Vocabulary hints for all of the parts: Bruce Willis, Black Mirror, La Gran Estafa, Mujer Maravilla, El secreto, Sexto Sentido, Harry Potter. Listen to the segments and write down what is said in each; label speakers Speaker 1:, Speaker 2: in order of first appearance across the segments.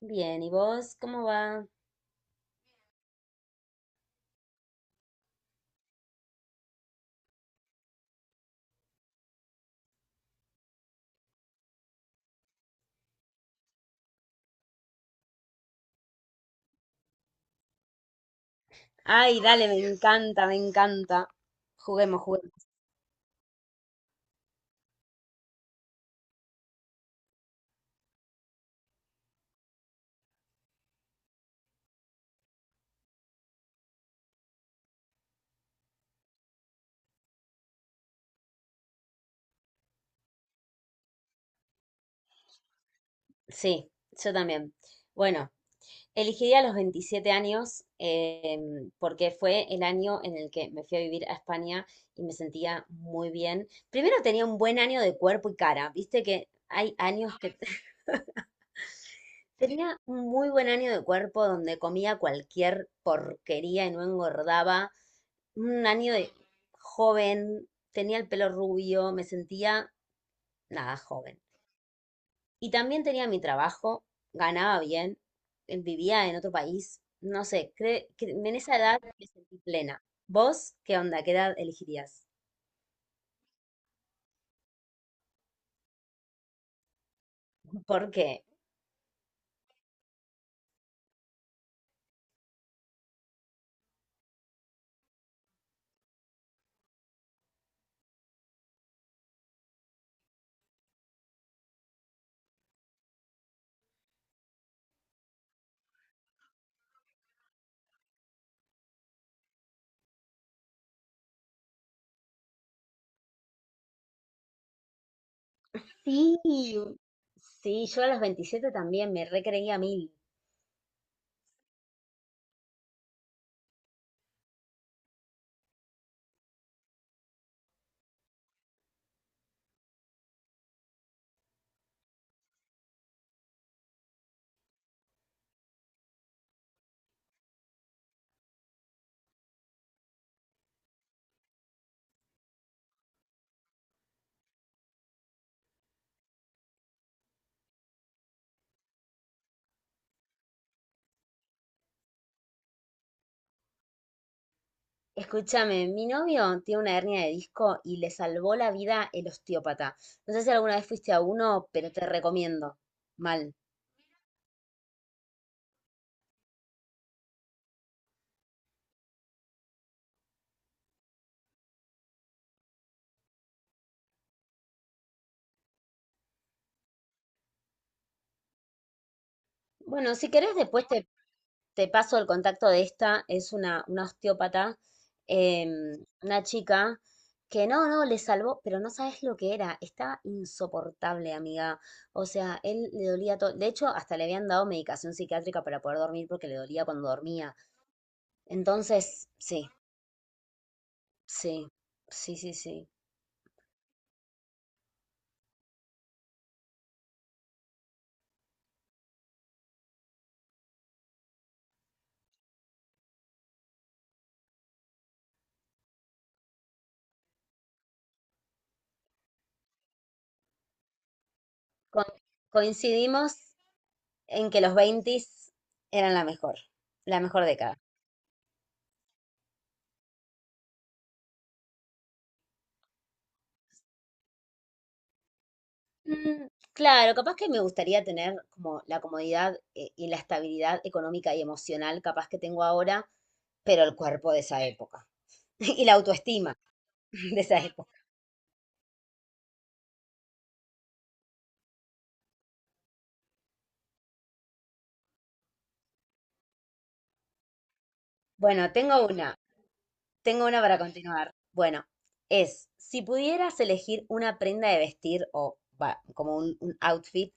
Speaker 1: Bien, ¿y vos cómo va? Ay, dale, me encanta, me encanta. Juguemos, juguemos. Sí, yo también. Bueno, elegiría los 27 años porque fue el año en el que me fui a vivir a España y me sentía muy bien. Primero tenía un buen año de cuerpo y cara. Viste que hay años que tenía un muy buen año de cuerpo donde comía cualquier porquería y no engordaba. Un año de joven, tenía el pelo rubio, me sentía nada joven. Y también tenía mi trabajo, ganaba bien, vivía en otro país. No sé, que en esa edad me sentí plena. ¿Vos qué onda? ¿Qué edad elegirías? ¿Por qué? Sí, sí, yo a los 27 también me recreía mil. Escúchame, mi novio tiene una hernia de disco y le salvó la vida el osteópata. No sé si alguna vez fuiste a uno, pero te recomiendo. Mal. Bueno, si querés, te paso el contacto de esta. Es una osteópata, em, una chica que no, no le salvó, pero no sabes lo que era. Estaba insoportable, amiga. O sea, él le dolía todo. De hecho, hasta le habían dado medicación psiquiátrica para poder dormir porque le dolía cuando dormía. Entonces, sí, sí, sí, sí, sí. Con- Coincidimos en que los 20 eran la mejor década. Mm, claro, capaz que me gustaría tener como la comodidad y la estabilidad económica y emocional capaz que tengo ahora, pero el cuerpo de esa época y la autoestima de esa época. Bueno, tengo una para continuar. Bueno, es, si pudieras elegir una prenda de vestir o va, como un outfit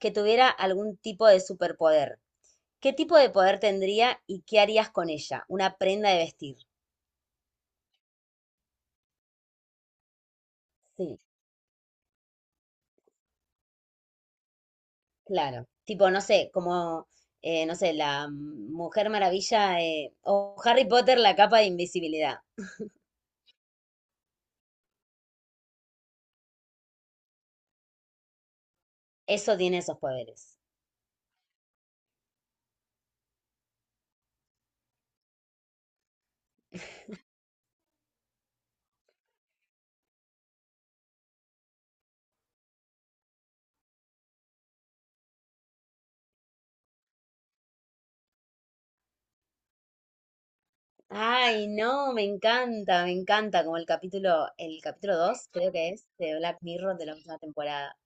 Speaker 1: que tuviera algún tipo de superpoder, ¿qué tipo de poder tendría y qué harías con ella? Una prenda de vestir. Sí, claro. Tipo, no sé, como, no sé, la Mujer Maravilla o Harry Potter, la capa de invisibilidad. Eso tiene esos poderes. Ay, no, me encanta, como el capítulo 2, creo que es, de Black Mirror de la última temporada.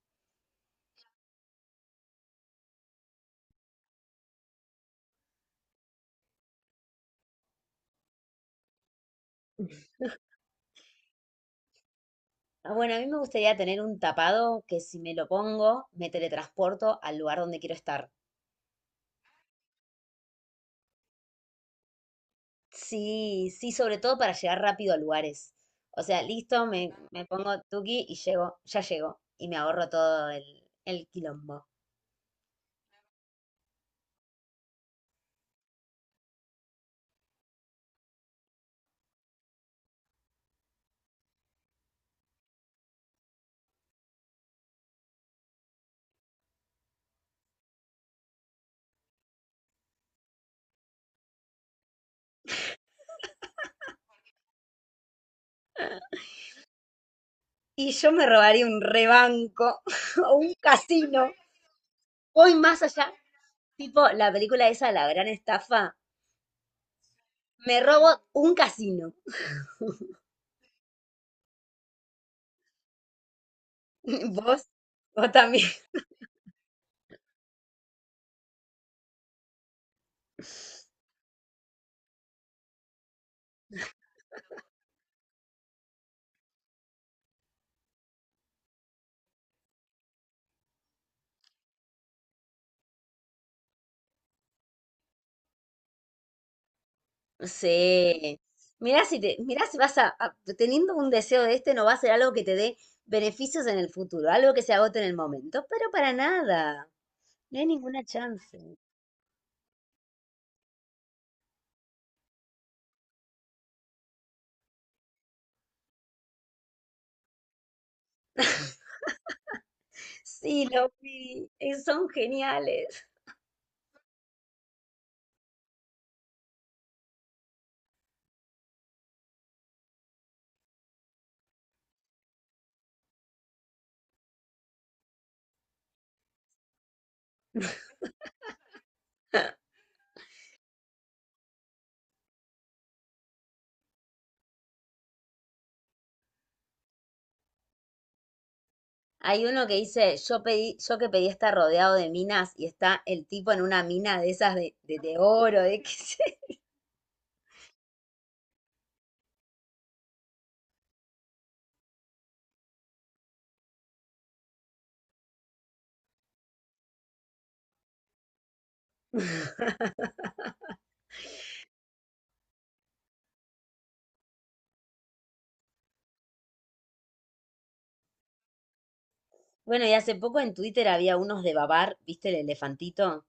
Speaker 1: Ah, bueno, a mí me gustaría tener un tapado que si me lo pongo, me teletransporto al lugar donde quiero estar. Sí, sí, sobre todo para llegar rápido a lugares. O sea, listo, me pongo tuki y llego, ya llego. Y me ahorro todo el quilombo. Y yo me robaría un rebanco o un casino. Voy más allá, tipo la película esa, La Gran Estafa. Me robo un casino. Vos, vos también. Sí. Mirá mirá si vas a, teniendo un deseo de este, no va a ser algo que te dé beneficios en el futuro, algo que se agote en el momento, pero para nada. No hay ninguna chance. Sí, lo vi. Son geniales. Hay uno que dice, yo pedí, yo que pedí estar rodeado de minas y está el tipo en una mina de esas de, de oro, de qué sé. Bueno, y hace poco en Twitter había unos de babar, ¿viste el elefantito?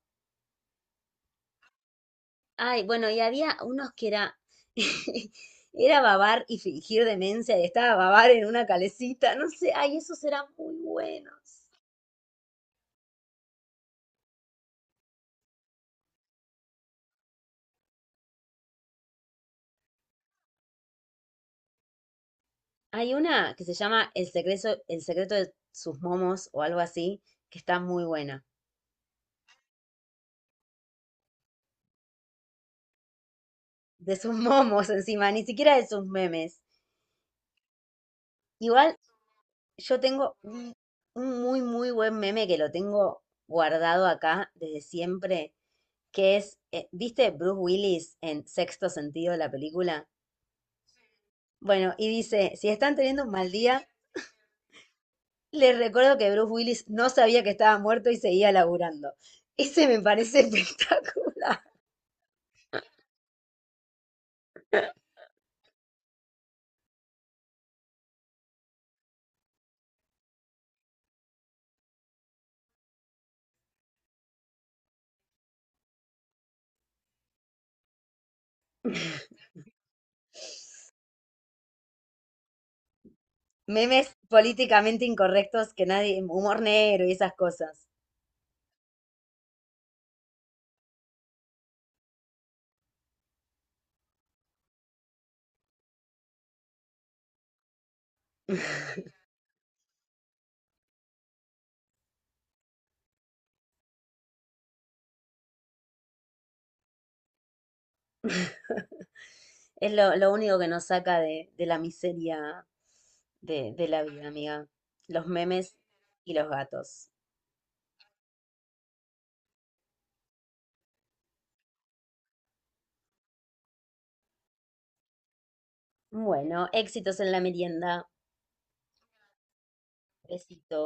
Speaker 1: Ay, bueno, y había unos que era, era babar y fingir demencia y estaba babar en una calecita, no sé, ay, esos eran muy buenos. Hay una que se llama El secreto de sus momos o algo así, que está muy buena. De sus momos encima, ni siquiera de sus memes. Igual yo tengo un, muy buen meme que lo tengo guardado acá desde siempre, que es, ¿viste Bruce Willis en Sexto Sentido, la película? Bueno, y dice, si están teniendo un mal día, les recuerdo que Bruce Willis no sabía que estaba muerto y seguía laburando. Ese me parece espectacular. Memes políticamente incorrectos que nadie, humor negro y esas cosas. Es lo único que nos saca de, de la vida, amiga. Los memes y los gatos. Bueno, éxitos en la merienda. Besito.